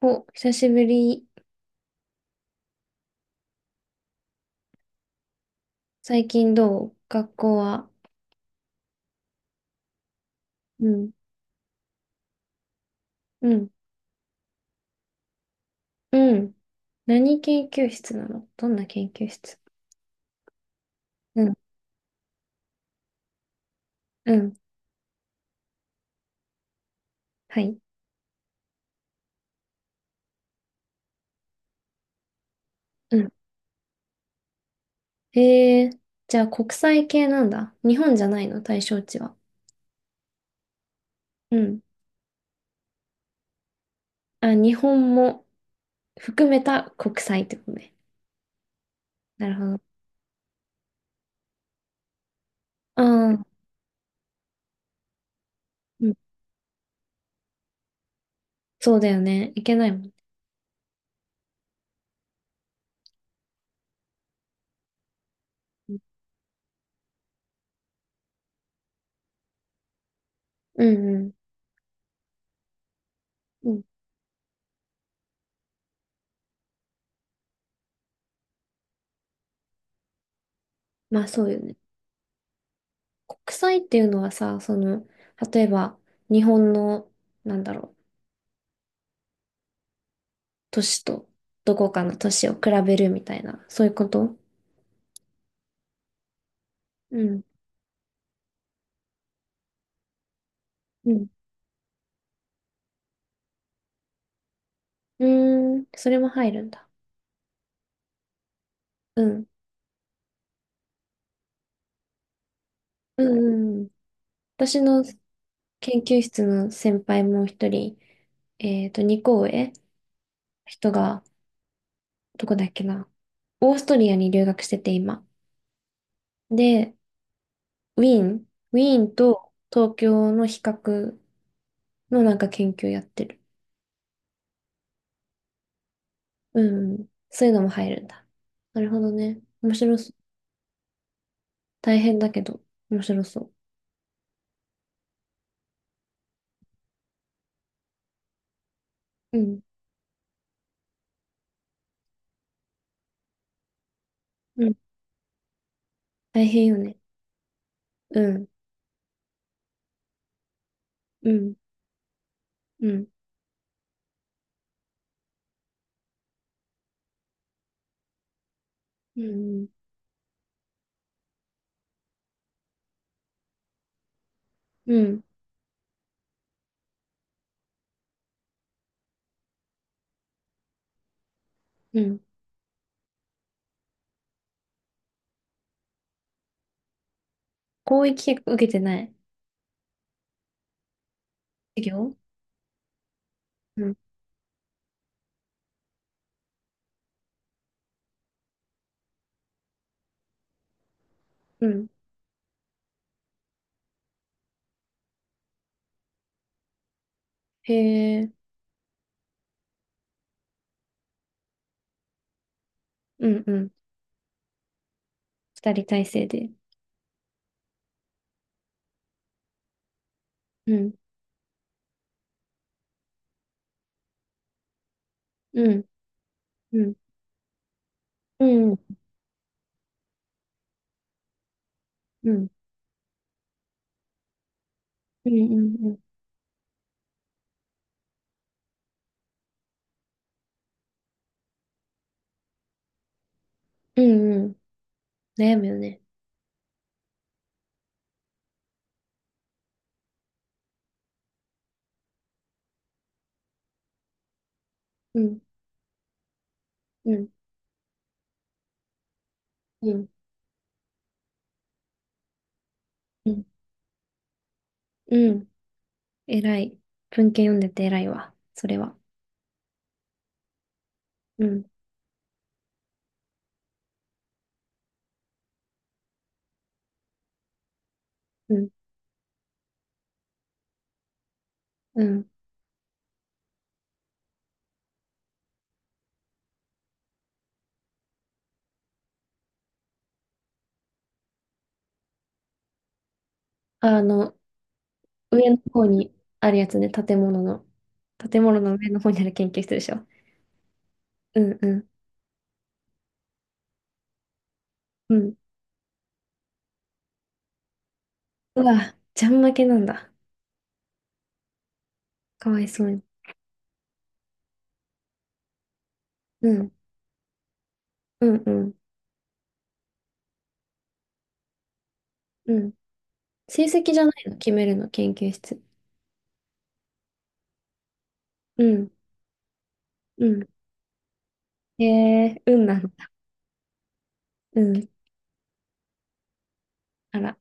お、久しぶり。最近どう学校は。うん。うん。うん。何研究室なの、どんな研究室？うん。うん。はい。うん。えー、じゃあ国際系なんだ。日本じゃないの、対象地は。うん。あ、日本も含めた国際ってことね。なるほど。ああ、うん。そうだよね。いけないもんね。うんうん。うん。まあそうよね。国際っていうのはさ、その、例えば日本の、なんだろう、都市とどこかの都市を比べるみたいな、そういうこと？うん。うん。うーん、それも入るんだ。うん。うん、うん。私の研究室の先輩も一人、2校上、人が、どこだっけな。オーストリアに留学してて、今。で、ウィーン、ウィーンと東京の比較のなんか研究やってる。うん。そういうのも入るんだ。なるほどね。面白そう。大変だけど、面白そう。うん。うん、大変よね。うん、うん、うん、うん、うん、うん。広域結構受けてない授業。うん、うん。へえ。うん、うん。二人体制で。うん、うん、うん、うん、うん、うん、うん、うん、うん。うん、悩むよね。うん、うん、うん、うん、うん。偉い。文献読んでて偉いわ、それは。うん、うん、うん。あの、上の方にあるやつね。建物の。建物の上の方にある研究室でしょ。うん、うん、うん。うわ、ちゃん負けなんだ。かわいそうに。うん、うん、うん、うん。成績じゃないの、決めるの、研究室。うん、うん。へえ、運なんだ。うん、あら、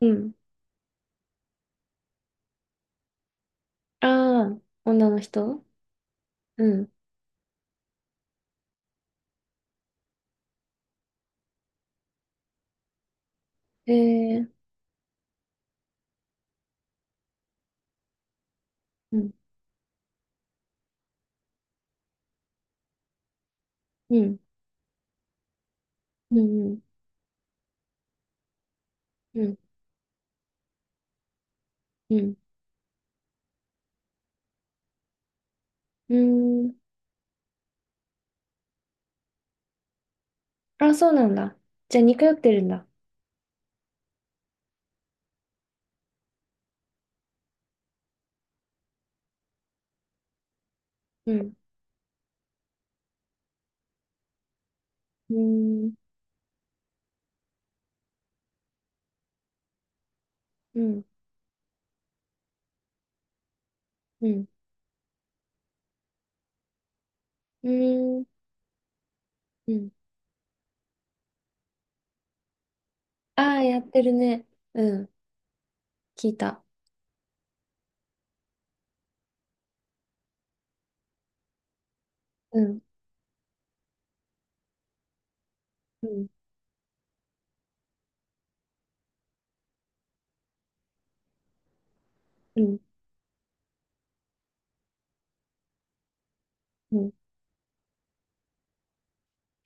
うん。ああ、女の人？うん。へえ。うん、うん、うん、うん、うん、うん。うーん。あ、そうなんだ。じゃあ、似通ってるんだ。うん、うーん、うん、うん、うーん、うん。ああ、やってるね。うん、聞いた。うん、うん、うん、うん。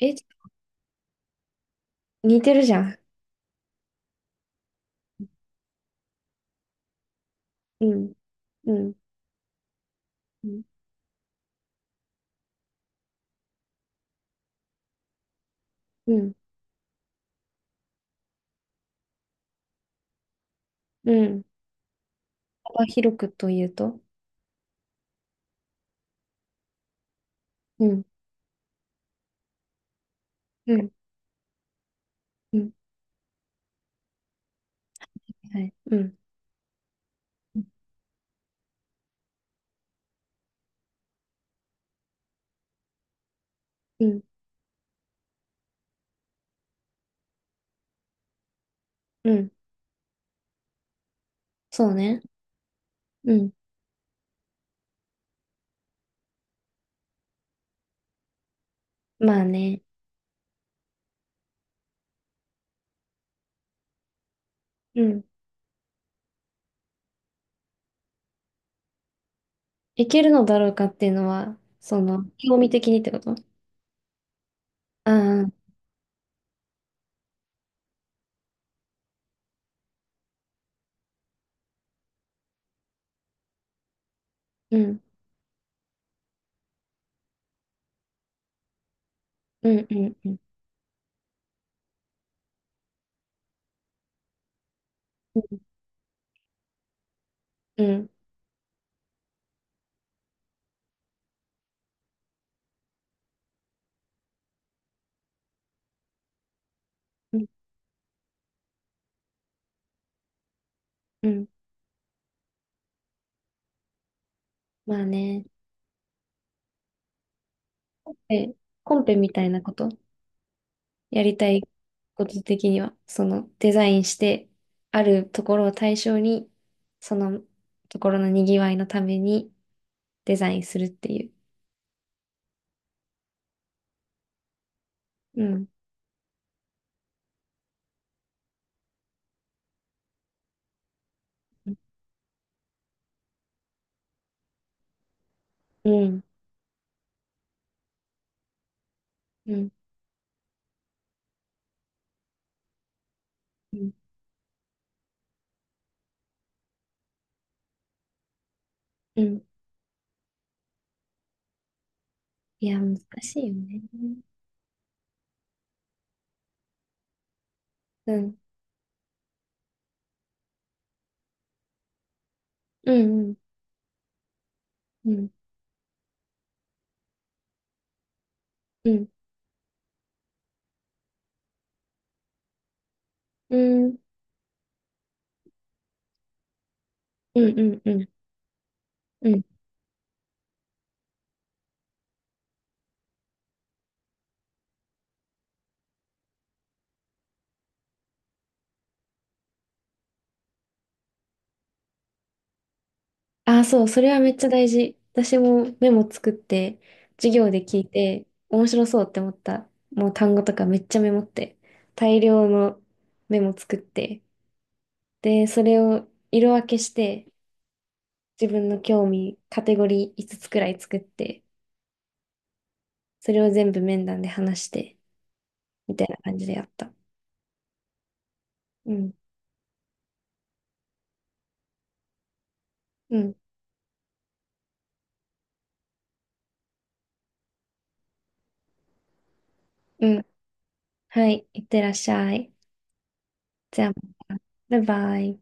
え、似てるじゃん。うん、うん、うん、うん、うん。幅広くというと？うん、うん、うん、はい。うん、うん、うん。そうね。うん、まあね、うん、いけるのだろうかっていうのは、その、興味的にってこと？ああ、うん、うん、うん、うん、うん、うん、うん。まあね。え、コンペみたいなことやりたいこと的には、その、デザインして、あるところを対象に、そのところのにぎわいのために、デザインするっていう。うん。うん。うん。うん。うん。いや、難しいよね。うん。うん。うん。うん。うん。うん。うん。うん。うん。ああ、そう。それはめっちゃ大事。私もメモ作って、授業で聞いて、面白そうって思った。もう単語とかめっちゃメモって、大量のメモ作って、で、それを色分けして、自分の興味、カテゴリー5つくらい作って、それを全部面談で話して、みたいな感じでやった。うん、うん、うん。はい、いってらっしゃい。じゃあ、バイバイ。